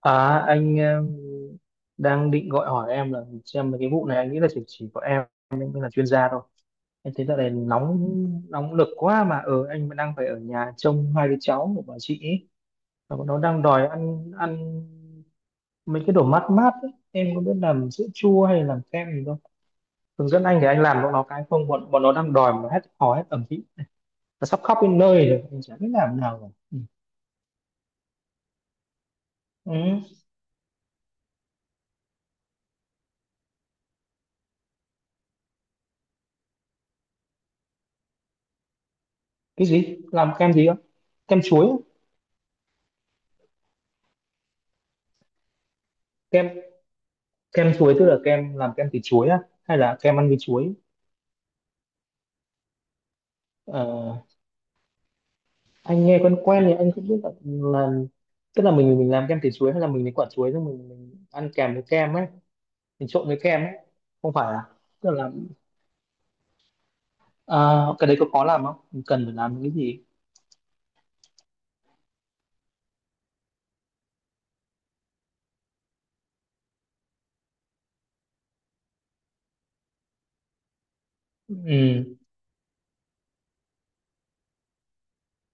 À, anh em đang định gọi hỏi em là xem mấy cái vụ này anh nghĩ là chỉ có em mới là chuyên gia thôi. Anh thấy dạo này nóng nóng lực quá mà ở anh vẫn đang phải ở nhà trông hai đứa cháu của bà chị ấy. Và bọn nó đang đòi ăn ăn mấy cái đồ mát mát ấy. Em có biết làm sữa chua hay làm kem gì không? Hướng dẫn anh để anh làm bọn nó cái không bọn bọn nó đang đòi mà hết hò hết ẩm ý. Nó sắp khóc đến nơi rồi, anh chả biết làm nào rồi. Ừ. Ừ. Cái gì? Làm kem gì không? Kem chuối, á? Kem kem chuối tức là kem làm kem từ chuối á hay là kem ăn với chuối? Ờ, anh nghe quen quen thì anh không biết là tức là mình làm kem từ chuối hay là mình lấy quả chuối xong mình ăn kèm với kem ấy, mình trộn với kem ấy. Không phải à, tức là, à, cái đấy có khó làm không, mình cần phải làm cái gì? Ừ,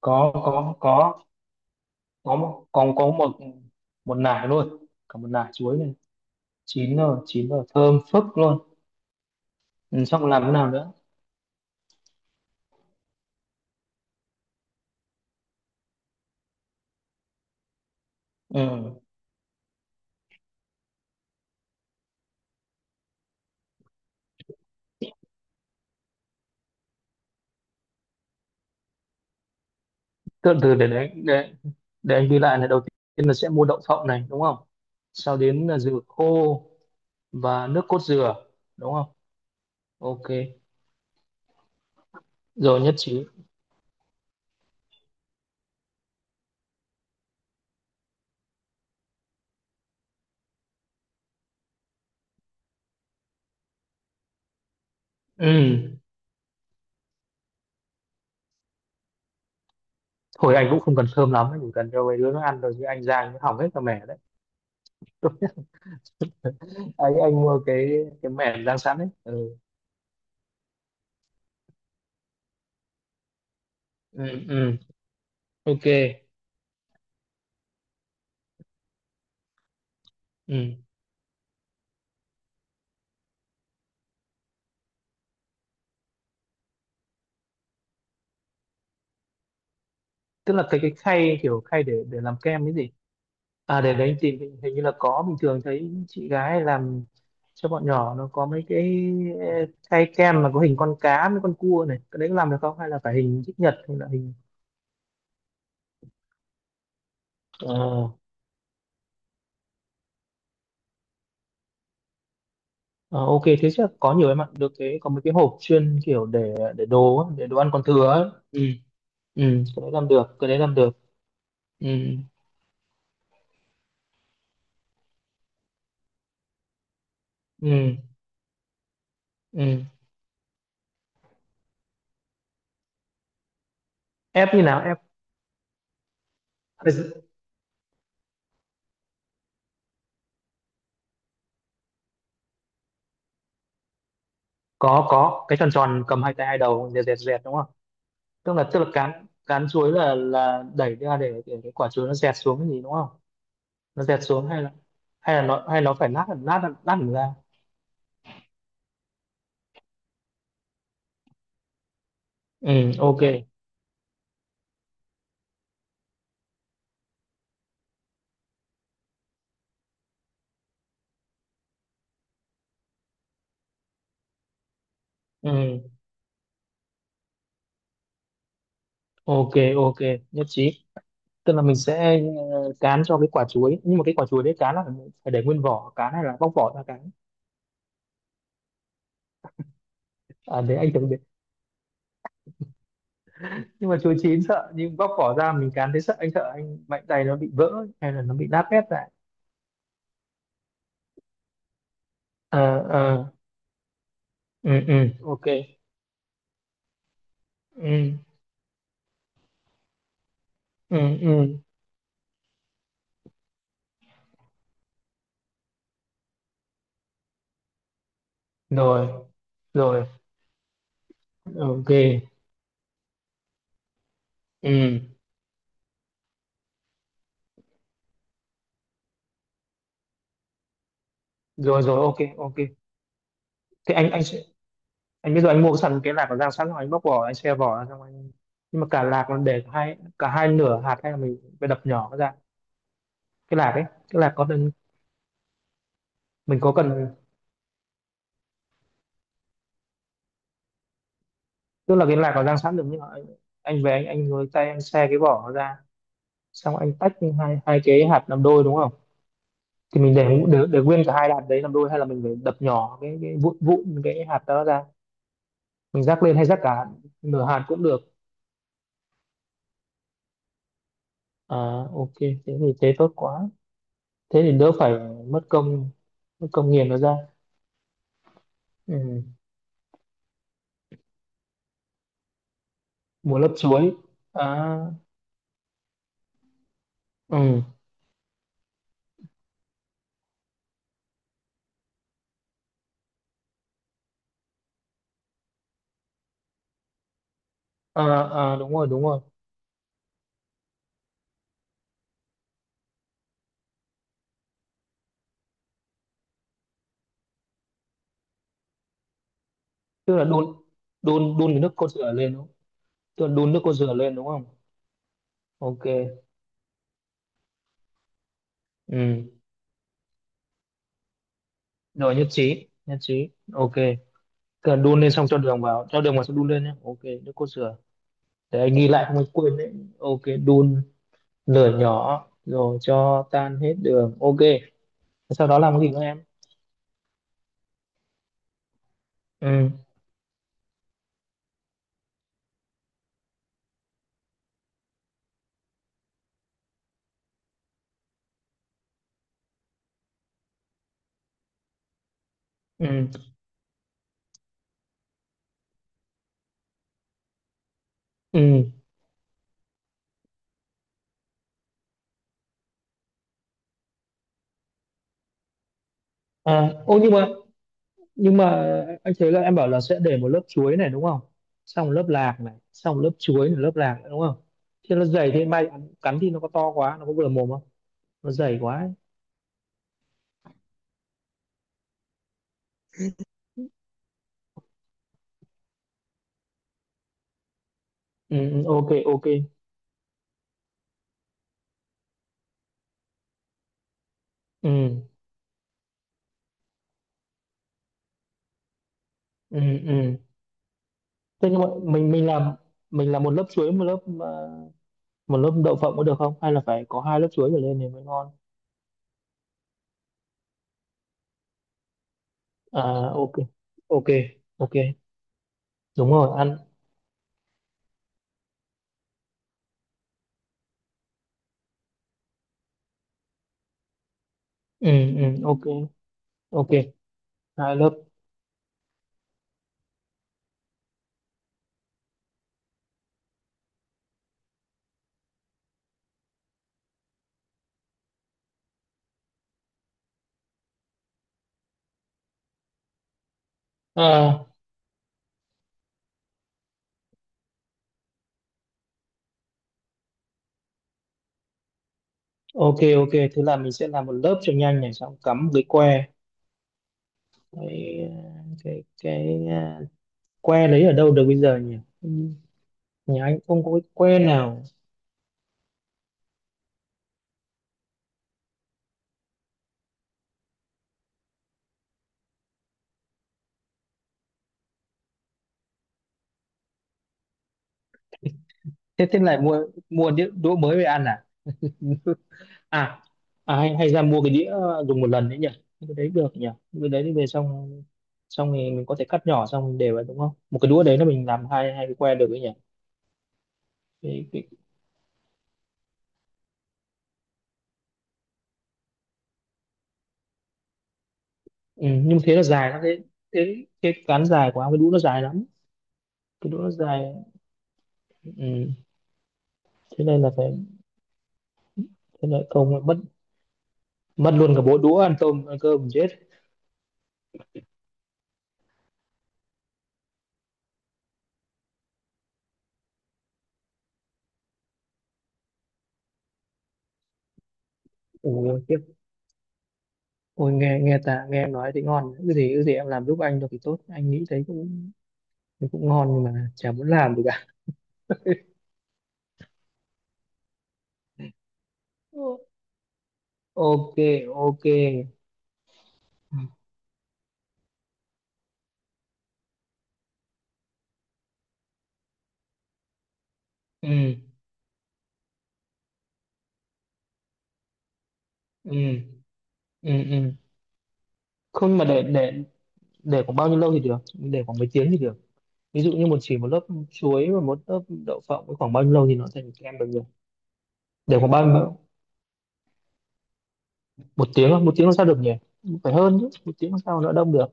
có có một một nải, luôn cả một nải chuối này, chín rồi, chín rồi, thơm phức luôn. Ừ, xong làm thế nào nữa? Ừ. Từ từ, để để anh ghi lại này. Đầu tiên là sẽ mua đậu phộng này đúng không, sau đến là dừa khô và nước cốt dừa đúng không? Ok, rồi nhất trí. Ừ. Thôi, anh cũng không cần thơm lắm, anh chỉ cần cho mấy đứa nó ăn rồi chứ anh ra anh hỏng hết cả mẻ đấy. Anh mua cái mẻ rang sẵn đấy. Ừ. Ừ, ừ, ok, ừ. Tức là cái khay, kiểu khay để làm kem cái gì? À, để đấy thì hình hình như là có, bình thường thấy chị gái làm cho bọn nhỏ nó có mấy cái khay kem mà có hình con cá với con cua này, cái đấy có làm được không hay là phải hình chữ nhật hay là hình? Ờ, ờ, ok, thế chắc có nhiều em ạ, được cái có mấy cái hộp chuyên kiểu để đồ á, để đồ ăn còn thừa ấy. Ừ. Ừ, cái đấy làm được, cái đấy làm được. Ừ, ừ, ừ. Ép như nào, ép? Có cái tròn tròn cầm hai tay, hai đầu dẹt dẹt dẹt đúng không? Tức là cán cán chuối là đẩy ra để cái quả chuối nó dẹt xuống cái gì đúng không? Nó dẹt xuống hay là, hay là nó hay nó phải lát lát lát hẳn ra? Ừ, ok. Ừ, ok, ok, nhất trí. Tức là mình sẽ, cán cho cái quả chuối, nhưng mà cái quả chuối đấy cán là phải để nguyên vỏ cán hay là bóc vỏ ra cán? À, đấy anh tưởng biết, nhưng mà chuối chín sợ, nhưng bóc vỏ ra mình cán thấy sợ, anh sợ anh mạnh tay nó bị vỡ hay là nó bị nát bét lại. Ờ, ờ. Ừ, ừ, ok. Ừ, ừ, ừ. Rồi, rồi, OK. Ừ. Rồi, rồi, OK, OK. Thế anh sẽ, anh bây giờ anh mua sẵn cái lạc của Giang sẵn rồi anh bóc vỏ, anh xe vỏ ra, xong anh... Nhưng mà cả lạc nó để hai, cả hai nửa hạt hay là mình phải đập nhỏ nó ra? Cái lạc ấy, cái lạc có cần, mình có cần... Tức là cái lạc có giang sẵn được, nhưng mà anh về anh với tay anh xe cái vỏ nó ra, xong anh tách hai hai cái hạt làm đôi đúng không? Thì mình để nguyên cả hai hạt đấy làm đôi hay là mình phải đập nhỏ cái vụn vụn cái hạt đó ra? Mình rắc lên hay rắc cả nửa hạt cũng được? À, ok, thế thì tốt quá. Thế thì đỡ phải mất công mất công nghiền nó ra. Ừ. Một lớp chuối. À, ừ. À, à, đúng rồi, đúng rồi. Tức là đun đun đun cái nước cốt dừa lên đúng không? Tức là đun nước cốt dừa lên đúng không? Ok. Ừ. Rồi nhất trí, nhất trí. Ok. Tức là đun lên xong cho đường vào xong đun lên nhé. Ok, nước cốt dừa. Để anh ghi lại không anh quên đấy. Ok, đun lửa nhỏ rồi cho tan hết đường. Ok. Sau đó làm cái gì nữa em? Ừ. Ừ. Ừ. À, ô, nhưng mà anh thấy là em bảo là sẽ để một lớp chuối này đúng không? Xong một lớp lạc này, xong một lớp chuối này, lớp lạc nữa đúng không? Thế nó dày thế mai cắn thì nó có to quá, nó có vừa mồm không? Nó dày quá ấy. Ừ, ừ, ok, ok. Ừ, ừ, ừ. Thế nhưng mà mình làm một lớp chuối, một lớp, à, một lớp đậu phộng có được không? Hay là phải có hai lớp chuối trở lên thì mới ngon? À, ok, ok, ok, đúng rồi ăn. Ừ, ừ, ok, ok, hai lớp. À, ok, ok, thế là mình sẽ làm một lớp cho nhanh này xong cắm một cái que, cái cái à, que lấy ở đâu được bây giờ nhỉ? Ừ, nhà anh không có cái que nào. Thế thế lại mua mua đĩa đũa mới về ăn à? À, hay hay ra mua cái đĩa dùng một lần đấy nhỉ? Cái đấy được nhỉ? Cái đấy thì về xong, thì mình có thể cắt nhỏ xong mình để vào đúng không, một cái đũa đấy là mình làm hai hai cái que được đấy nhỉ? cái, cái, ừ, nhưng thế là dài lắm. Thế thế cái cán dài của ông, cái đũa nó dài lắm, cái đũa nó dài. Ừ. Thế nên là phải, thế lợi công là mất mất luôn cả bộ đũa ăn tôm ăn cơm chết. Ủa tiếp, ôi nghe nghe ta nghe em nói thì ngon, cái gì em làm giúp anh được thì tốt, anh nghĩ thấy cũng, thì cũng ngon nhưng mà chả muốn làm được cả. Ừ. Ok, ok. Ừ, ừ, ừ, ừ. Không, mà để để khoảng bao nhiêu lâu thì được, để khoảng mấy tiếng thì được? Ví dụ như một lớp chuối và một lớp đậu phộng với khoảng bao nhiêu lâu thì nó thành kem được nhỉ? Để khoảng bao nhiêu? Một tiếng không? Một tiếng làm sao được nhỉ, phải hơn chứ, một tiếng làm sao nó đông được?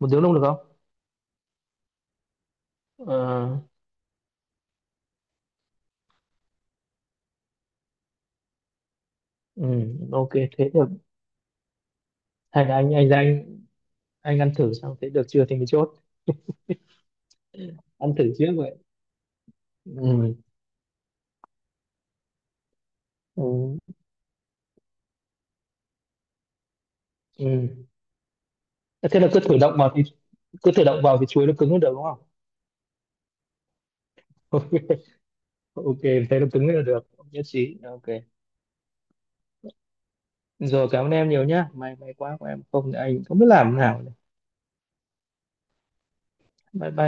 Một tiếng đông được không? Ờ, ừ, ok, thế được. Hay là anh ra anh ăn thử xong thế được chưa thì mình chốt, ăn thử trước vậy. Ừ, ừ, ừ. Ờ, thế là cứ thử động vào thì, cứ thử động vào thì chuối nó cứng hơn được đúng không? Ok, thế nó cứng là được, nhất trí, ok. Rồi, cảm ơn em nhiều nhá, may may quá của em không thì anh không biết làm thế nào. Bye bye.